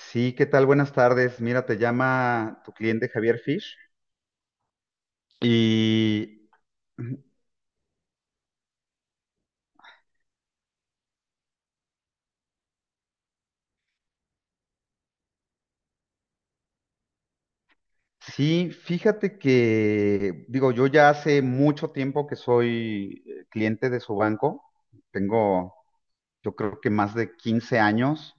Sí, ¿qué tal? Buenas tardes. Mira, te llama tu cliente Javier Fish. Y sí, fíjate que, digo, yo ya hace mucho tiempo que soy cliente de su banco. Tengo, yo creo que más de 15 años,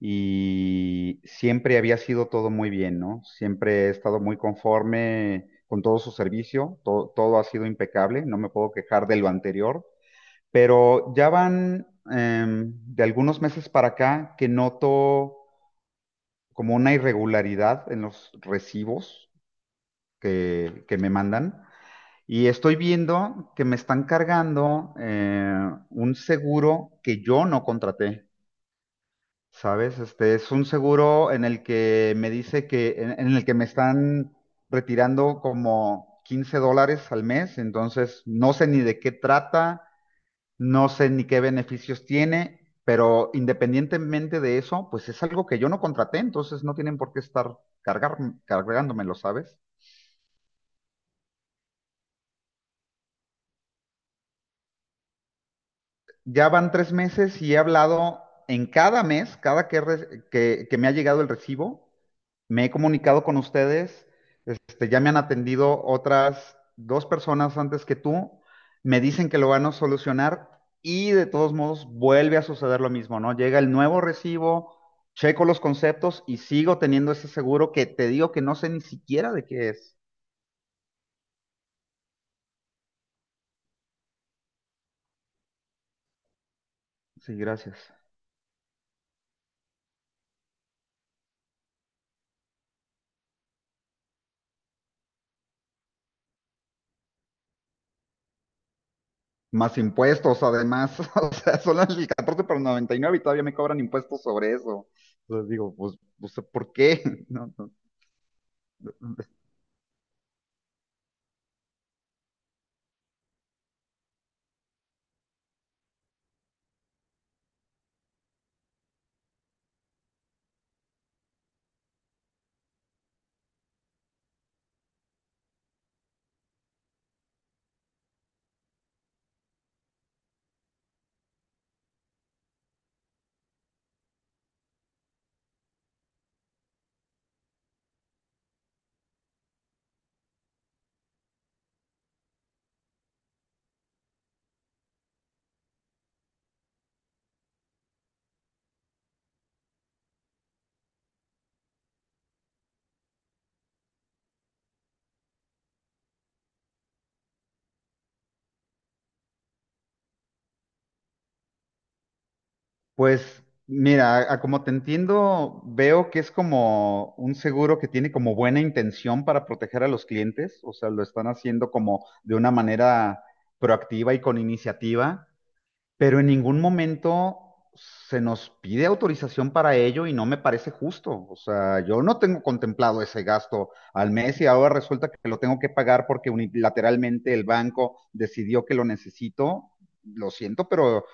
y siempre había sido todo muy bien, ¿no? Siempre he estado muy conforme con todo su servicio. Todo ha sido impecable. No me puedo quejar de lo anterior. Pero ya van de algunos meses para acá que noto como una irregularidad en los recibos que me mandan, y estoy viendo que me están cargando un seguro que yo no contraté, ¿sabes? Este es un seguro en el que me dice que, en el que me están retirando como $15 al mes. Entonces no sé ni de qué trata. No sé ni qué beneficios tiene, pero independientemente de eso, pues es algo que yo no contraté, entonces no tienen por qué estar cargándomelo, ¿sabes? Ya van 3 meses y he hablado en cada mes, cada que me ha llegado el recibo. Me he comunicado con ustedes. Ya me han atendido otras dos personas antes que tú. Me dicen que lo van a solucionar y de todos modos vuelve a suceder lo mismo, ¿no? Llega el nuevo recibo, checo los conceptos y sigo teniendo ese seguro que te digo que no sé ni siquiera de qué es. Sí, gracias. Más impuestos, además, o sea, son las 14,99 y nueve y todavía me cobran impuestos sobre eso. Entonces digo, pues, ¿por qué? No, no. Pues mira, a como te entiendo, veo que es como un seguro que tiene como buena intención para proteger a los clientes, o sea, lo están haciendo como de una manera proactiva y con iniciativa, pero en ningún momento se nos pide autorización para ello y no me parece justo. O sea, yo no tengo contemplado ese gasto al mes y ahora resulta que lo tengo que pagar porque unilateralmente el banco decidió que lo necesito. Lo siento, pero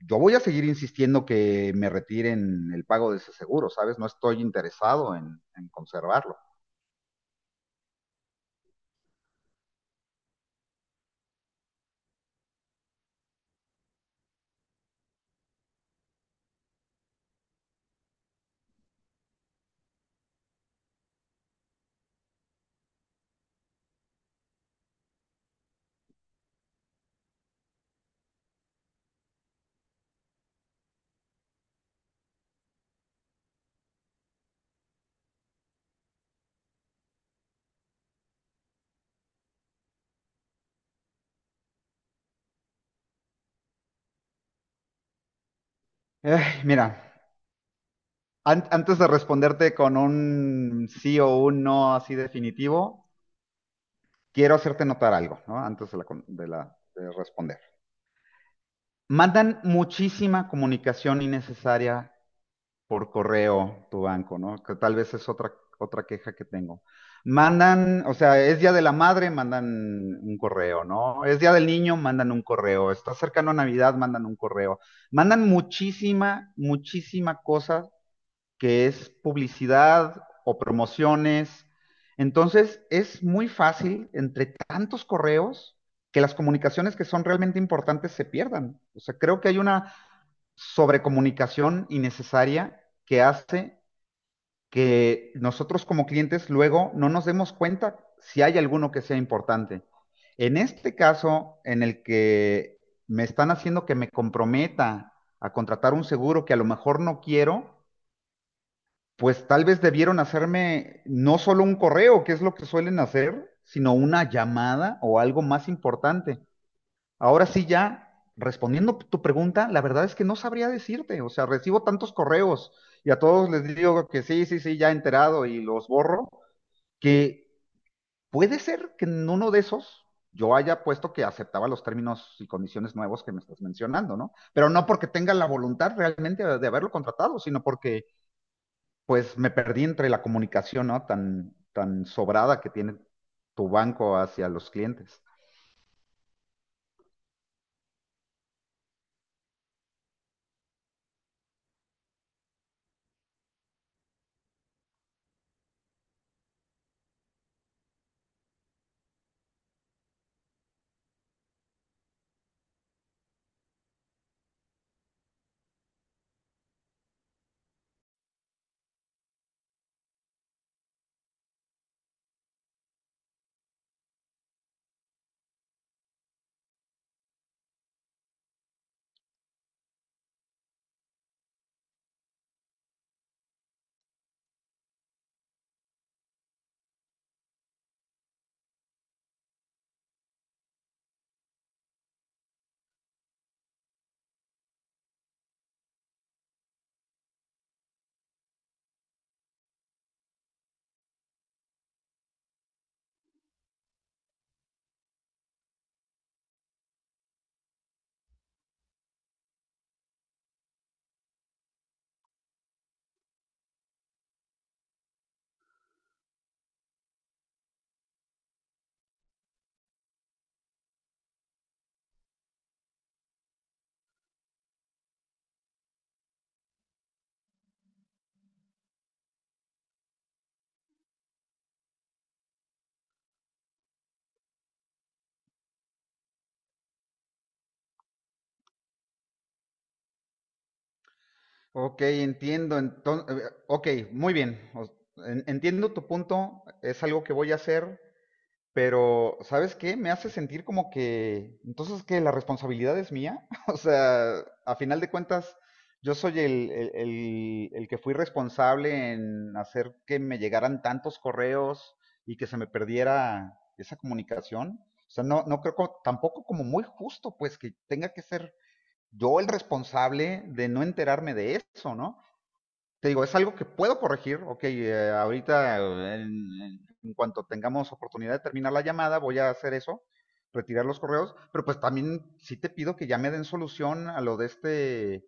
yo voy a seguir insistiendo que me retiren el pago de ese seguro, ¿sabes? No estoy interesado en conservarlo. Eh, Mira, antes de responderte con un sí o un no así definitivo, quiero hacerte notar algo, ¿no? Antes de, la con- de la- de responder. Mandan muchísima comunicación innecesaria por correo tu banco, ¿no? Que tal vez es otra, otra queja que tengo. Mandan, o sea, es Día de la Madre, mandan un correo, ¿no? Es Día del Niño, mandan un correo. Está cercano a Navidad, mandan un correo. Mandan muchísima, muchísima cosa que es publicidad o promociones. Entonces, es muy fácil entre tantos correos que las comunicaciones que son realmente importantes se pierdan. O sea, creo que hay una sobrecomunicación innecesaria que hace que nosotros como clientes luego no nos demos cuenta si hay alguno que sea importante. En este caso, en el que me están haciendo que me comprometa a contratar un seguro que a lo mejor no quiero, pues tal vez debieron hacerme no solo un correo, que es lo que suelen hacer, sino una llamada o algo más importante. Ahora sí, ya respondiendo tu pregunta, la verdad es que no sabría decirte. O sea, recibo tantos correos y a todos les digo que sí, sí, sí, ya enterado y los borro, que puede ser que en uno de esos yo haya puesto que aceptaba los términos y condiciones nuevos que me estás mencionando, ¿no? Pero no porque tenga la voluntad realmente de haberlo contratado, sino porque pues me perdí entre la comunicación, ¿no? Tan, tan sobrada que tiene tu banco hacia los clientes. Ok, entiendo. Entonces, ok, muy bien. Entiendo tu punto, es algo que voy a hacer, pero ¿sabes qué? Me hace sentir como que, entonces que la responsabilidad es mía. O sea, a final de cuentas, yo soy el que fui responsable en hacer que me llegaran tantos correos y que se me perdiera esa comunicación. O sea, no, no creo tampoco como muy justo, pues, que tenga que ser yo el responsable de no enterarme de eso, ¿no? Te digo, es algo que puedo corregir. Ok, ahorita en cuanto tengamos oportunidad de terminar la llamada, voy a hacer eso, retirar los correos, pero pues también sí te pido que ya me den solución a lo de este,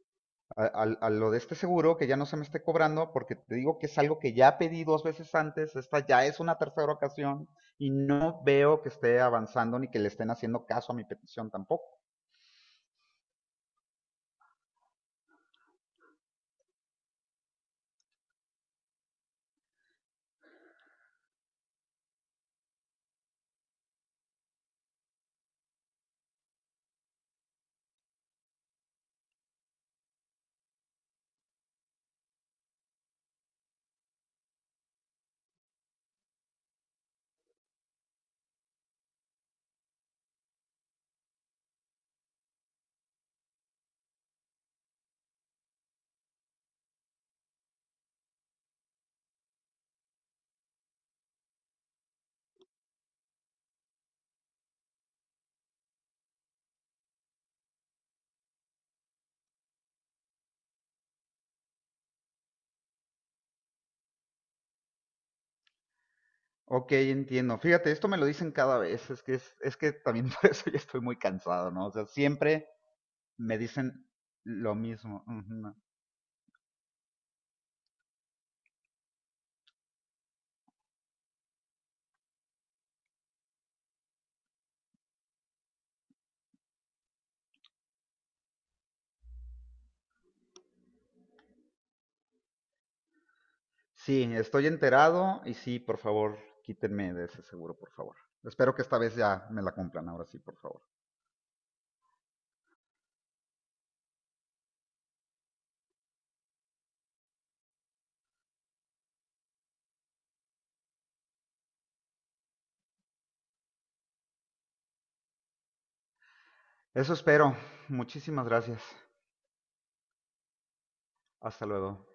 a, a- a lo de este seguro, que ya no se me esté cobrando, porque te digo que es algo que ya pedí dos veces antes, esta ya es una tercera ocasión, y no veo que esté avanzando ni que le estén haciendo caso a mi petición tampoco. Ok, entiendo. Fíjate, esto me lo dicen cada vez. Es que también por eso ya estoy muy cansado, ¿no? O sea, siempre me dicen lo mismo. Ujú. Sí, estoy enterado y sí, por favor, quítenme de ese seguro, por favor. Espero que esta vez ya me la cumplan, ahora sí, por favor. Eso espero. Muchísimas gracias. Hasta luego.